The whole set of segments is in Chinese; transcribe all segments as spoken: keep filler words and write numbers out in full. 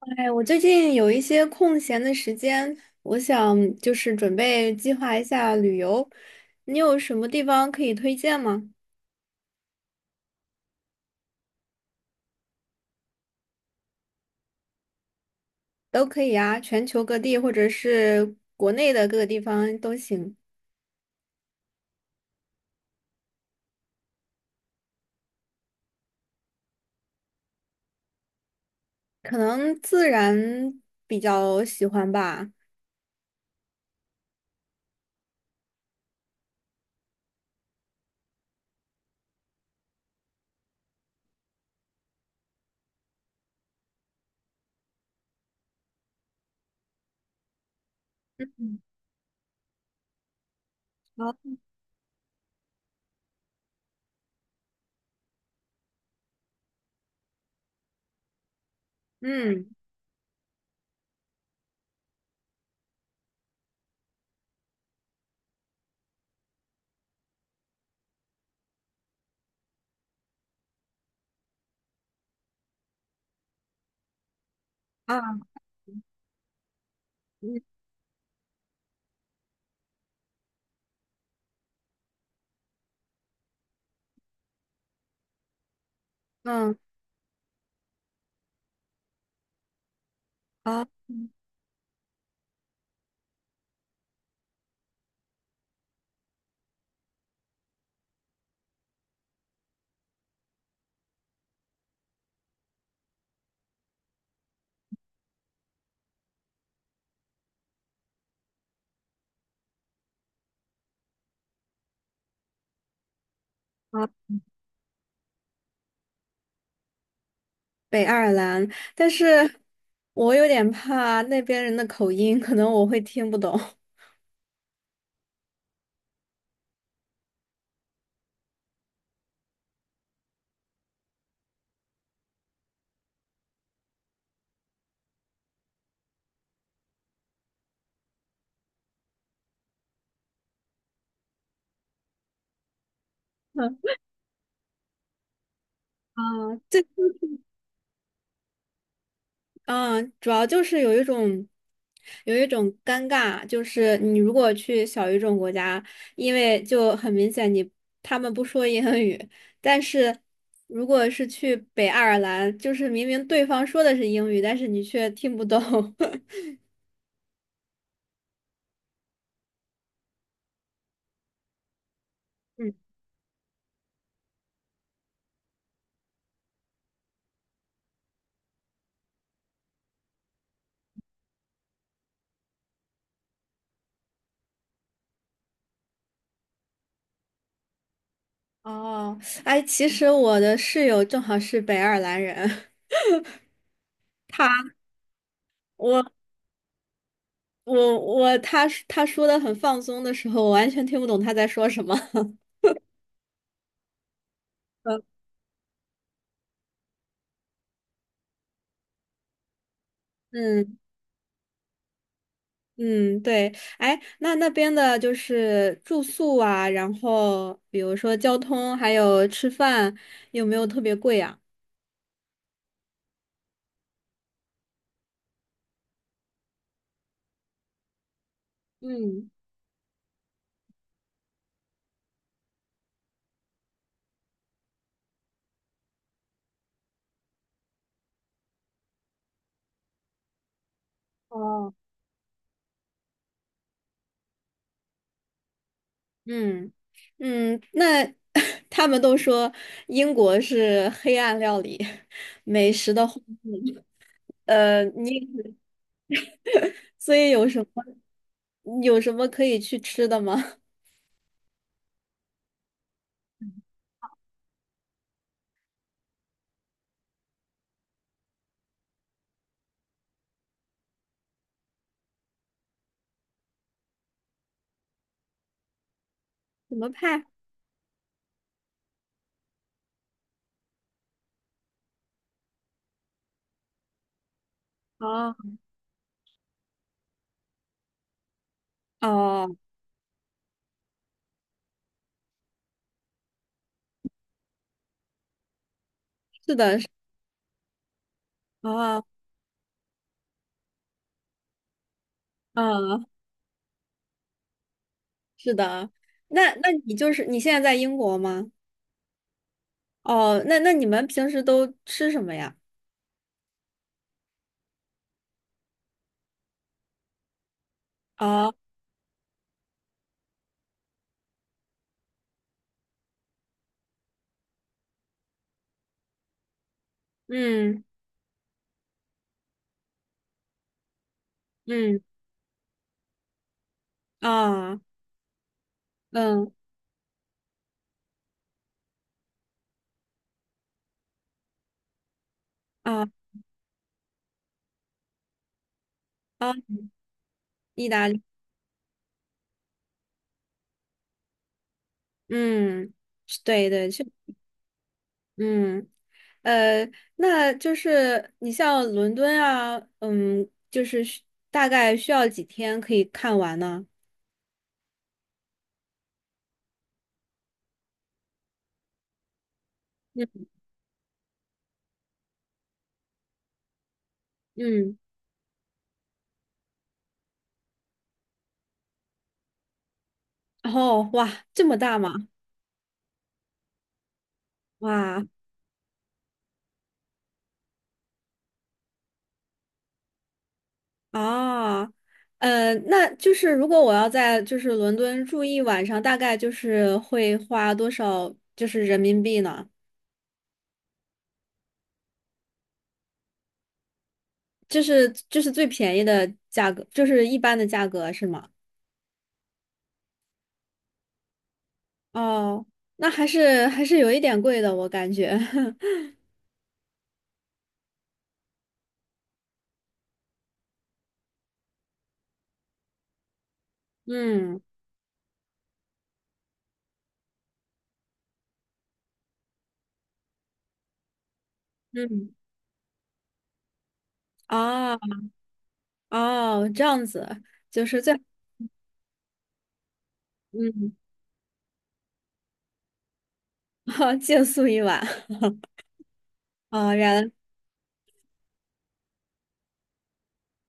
哎，我最近有一些空闲的时间，我想就是准备计划一下旅游。你有什么地方可以推荐吗？都可以啊，全球各地或者是国内的各个地方都行。可能自然比较喜欢吧。嗯。好。嗯啊。嗯嗯。好好。北爱尔兰，但是我有点怕那边人的口音，可能我会听不懂。嗯啊。嗯，主要就是有一种，有一种尴尬，就是你如果去小语种国家，因为就很明显你他们不说英语，但是如果是去北爱尔兰，就是明明对方说的是英语，但是你却听不懂。嗯。哦。哎，其实我的室友正好是北爱尔兰人。他，我，我，我，他他说的很放松的时候，我完全听不懂他在说什么。嗯。嗯，对。哎，那那边的就是住宿啊，然后比如说交通，还有吃饭，有没有特别贵啊？嗯。哦。嗯嗯。那 他们都说英国是黑暗料理，美食的荒漠。呃，你 所以有什么有什么可以去吃的吗？什么派？哦。哦。是的，是。哦。嗯。是的啊。那那你就是你现在在英国吗？哦。那那你们平时都吃什么呀？啊。嗯嗯啊嗯啊啊。意大利。嗯，是。对对。确，嗯呃，那就是你像伦敦啊，嗯，就是需大概需要几天可以看完呢？嗯嗯。后哇，这么大吗？哇。哦。呃，那就是如果我要在就是伦敦住一晚上，大概就是会花多少就是人民币呢？就是就是最便宜的价格，就是一般的价格是吗？哦。那还是还是有一点贵的，我感觉。嗯嗯。哦。哦，这样子。就是最嗯，借宿一晚。哦，原来。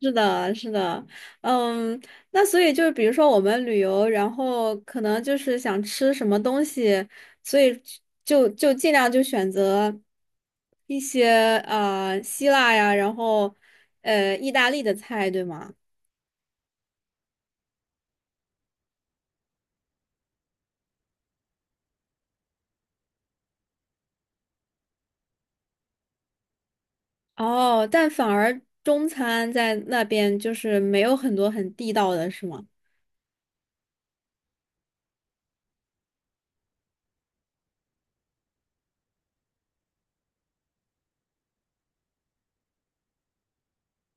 是的，是的。嗯，那所以就是，比如说我们旅游，然后可能就是想吃什么东西，所以就就尽量就选择一些呃希腊呀，然后呃意大利的菜，对吗？哦，但反而中餐在那边就是没有很多很地道的，是吗？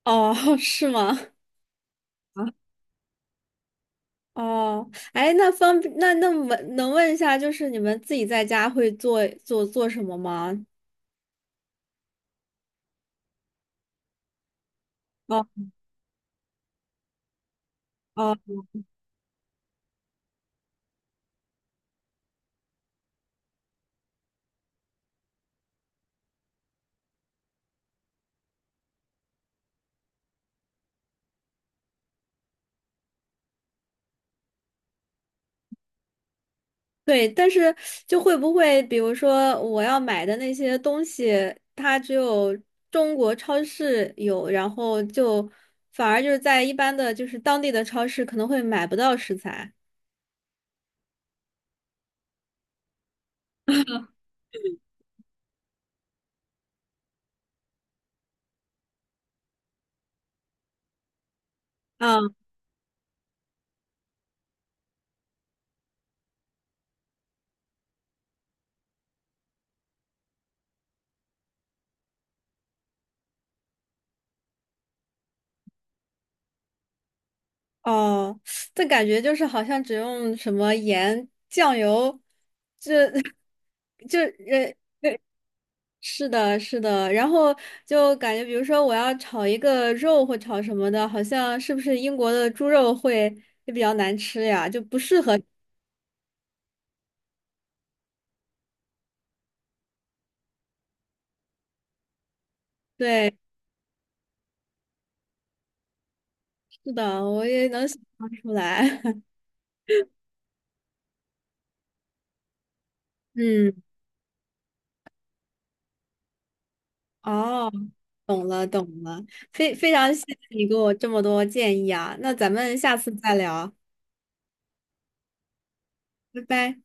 哦。是吗？啊。哦。哎，那方那那么能问一下，就是你们自己在家会做做做什么吗？哦。哦，对。但是就会不会，比如说我要买的那些东西，它只有中国超市有，然后就反而就是在一般的就是当地的超市可能会买不到食材。啊。哦，这感觉就是好像只用什么盐、酱油，这 就呃是的，是的。然后就感觉，比如说我要炒一个肉或炒什么的，好像是不是英国的猪肉会会比较难吃呀？就不适合。对。是的，我也能想象出来。嗯。哦。懂了，懂了。非非常谢谢你给我这么多建议啊，那咱们下次再聊。拜拜。